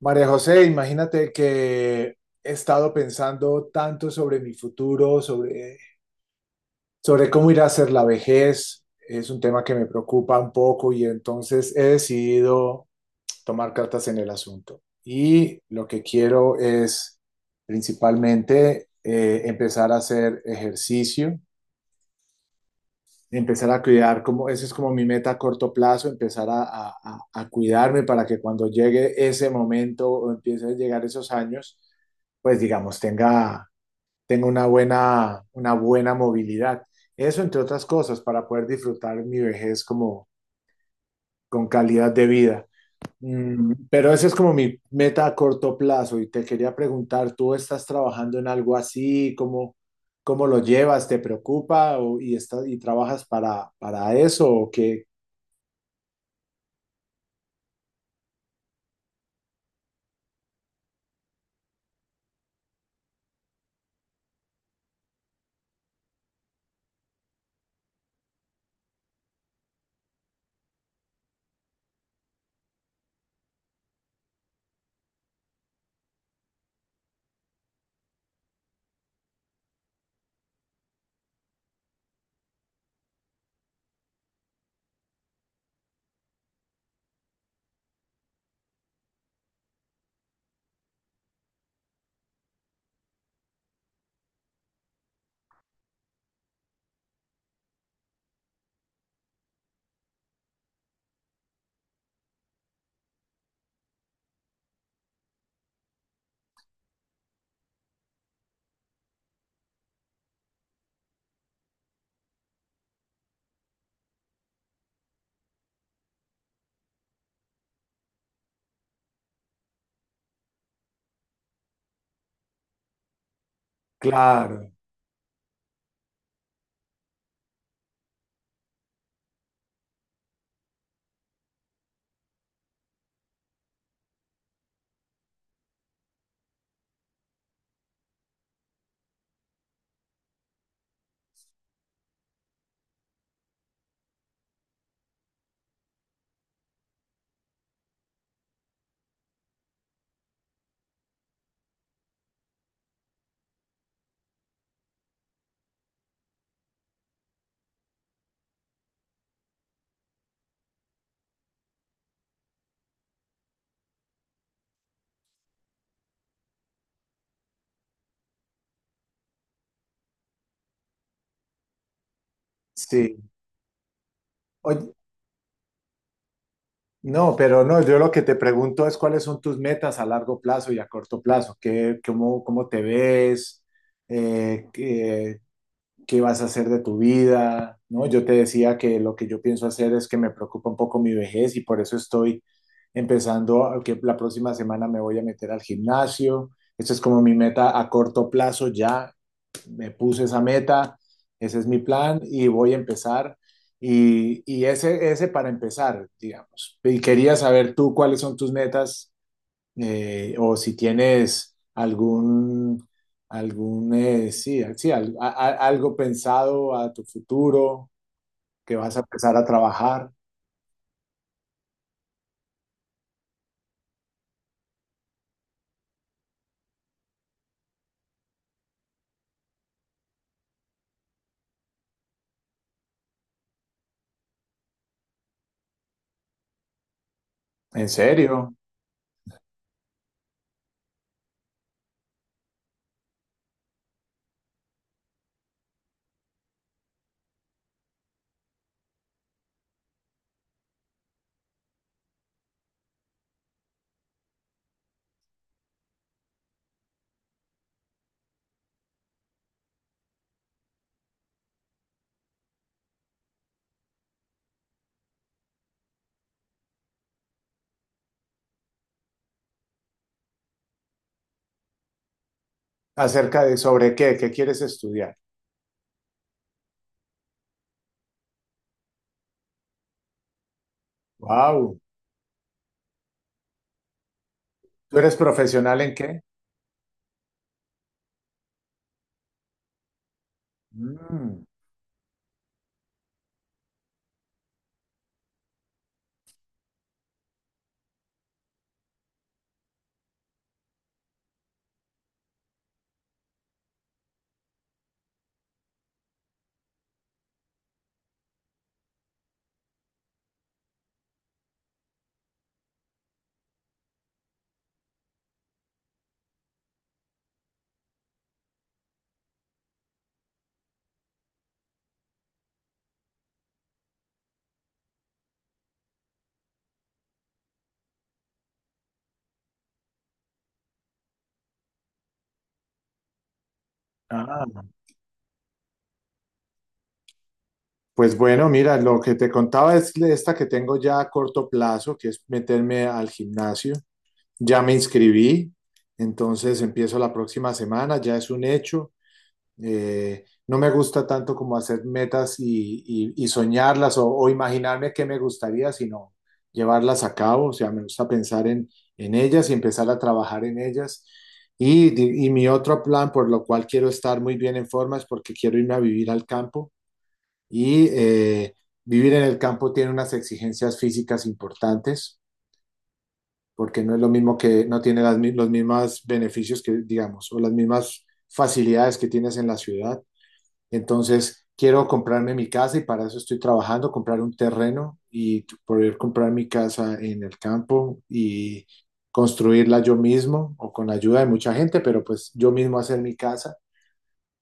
María José, imagínate que he estado pensando tanto sobre mi futuro, sobre cómo ir a ser la vejez. Es un tema que me preocupa un poco y entonces he decidido tomar cartas en el asunto. Y lo que quiero es principalmente empezar a hacer ejercicio, empezar a cuidar, como, esa es como mi meta a corto plazo, empezar a cuidarme para que cuando llegue ese momento o empiecen a llegar esos años, pues digamos, tenga una buena movilidad. Eso, entre otras cosas, para poder disfrutar mi vejez como con calidad de vida. Mm, pero esa es como mi meta a corto plazo y te quería preguntar, ¿tú estás trabajando en algo así? ¿Cómo, cómo lo llevas? ¿Te preocupa y, estás, y trabajas para eso? ¿O qué? Claro, sí. Oye, no, pero no, yo lo que te pregunto es cuáles son tus metas a largo plazo y a corto plazo. ¿Qué, cómo, cómo te ves? Eh, ¿qué- qué vas a hacer de tu vida? ¿No? Yo te decía que lo que yo pienso hacer es que me preocupa un poco mi vejez y por eso estoy empezando, que la próxima semana me voy a meter al gimnasio. Esa es como mi meta a corto plazo, ya me puse esa meta, ese es mi plan y voy a empezar. Y ese para empezar, digamos. Y quería saber tú cuáles son tus metas o si tienes algún sí, sí, algo pensado a tu futuro que vas a empezar a trabajar, ¿en serio?, acerca de sobre qué, ¿qué quieres estudiar? Wow, ¿tú eres profesional en qué? Mm, ah, pues bueno, mira, lo que te contaba es esta que tengo ya a corto plazo, que es meterme al gimnasio. Ya me inscribí, entonces empiezo la próxima semana, ya es un hecho. No me gusta tanto como hacer metas y soñarlas o imaginarme qué me gustaría, sino llevarlas a cabo. O sea, me gusta pensar en ellas y empezar a trabajar en ellas. Y, y mi otro plan por lo cual quiero estar muy bien en forma es porque quiero irme a vivir al campo. Y vivir en el campo tiene unas exigencias físicas importantes, porque no es lo mismo, que no tiene las, los mismos beneficios que, digamos, o las mismas facilidades que tienes en la ciudad. Entonces, quiero comprarme mi casa y para eso estoy trabajando, comprar un terreno y poder comprar mi casa en el campo y construirla yo mismo o con la ayuda de mucha gente, pero pues yo mismo hacer mi casa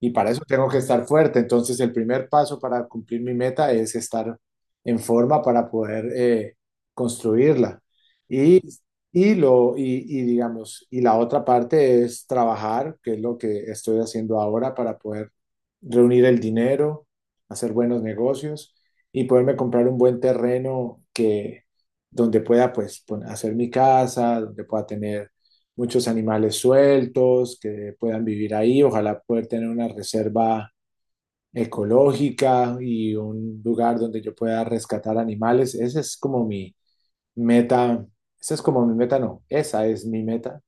y para eso tengo que estar fuerte. Entonces, el primer paso para cumplir mi meta es estar en forma para poder construirla. Y, y, lo, y, y digamos, y la otra parte es trabajar, que es lo que estoy haciendo ahora para poder reunir el dinero, hacer buenos negocios y poderme comprar un buen terreno que donde pueda pues hacer mi casa, donde pueda tener muchos animales sueltos que puedan vivir ahí. Ojalá poder tener una reserva ecológica y un lugar donde yo pueda rescatar animales. Esa es como mi meta. Esa es como mi meta, no, esa es mi meta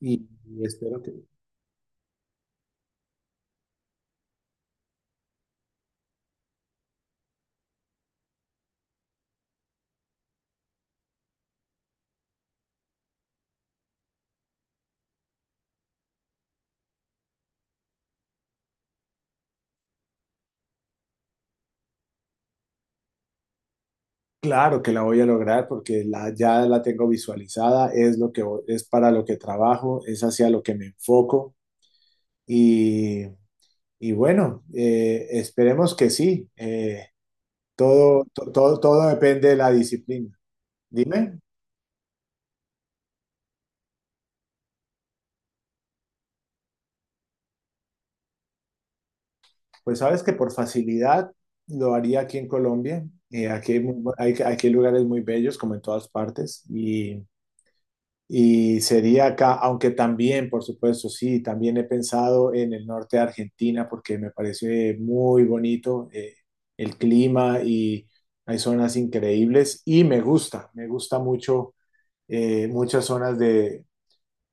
y espero que, claro que la voy a lograr porque la, ya la tengo visualizada, es lo que es para lo que trabajo, es hacia lo que me enfoco y, y bueno, esperemos que sí. Todo, todo depende de la disciplina. Dime, pues sabes que por facilidad lo haría aquí en Colombia. Aquí hay, aquí hay lugares muy bellos, como en todas partes, y sería acá, aunque también, por supuesto, sí, también he pensado en el norte de Argentina porque me parece muy bonito el clima y hay zonas increíbles y me gusta mucho muchas zonas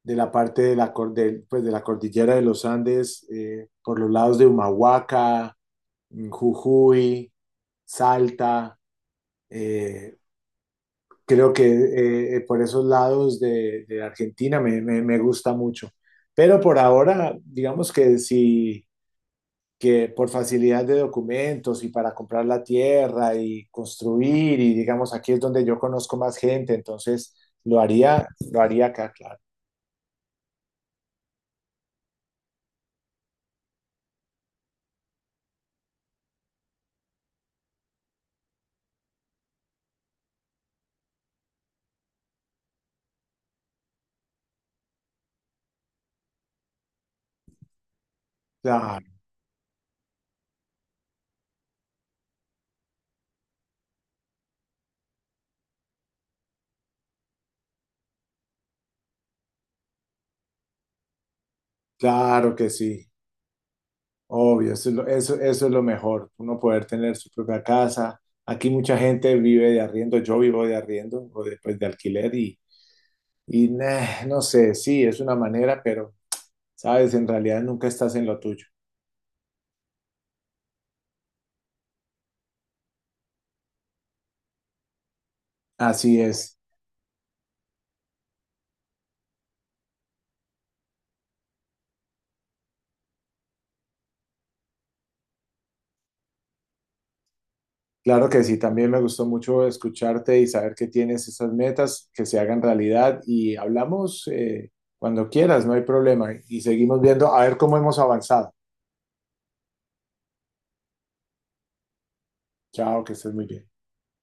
de la parte pues, de la cordillera de los Andes, por los lados de Humahuaca, mm, Jujuy, Salta. eh, creo que por esos lados de Argentina me gusta mucho. Pero por ahora, digamos que sí, que por facilidad de documentos y para comprar la tierra y construir, y digamos, aquí es donde yo conozco más gente, entonces lo haría, lo haría acá, claro. Claro, claro que sí. Obvio, eso es lo mejor, uno poder tener su propia casa. Aquí mucha gente vive de arriendo, yo vivo de arriendo o después de alquiler y nah, no sé, sí, es una manera, pero sabes, en realidad nunca estás en lo tuyo. Así es. Claro que sí, también me gustó mucho escucharte y saber que tienes esas metas, que se hagan realidad y hablamos cuando quieras, no hay problema y seguimos viendo a ver cómo hemos avanzado. Chao, que estés muy bien.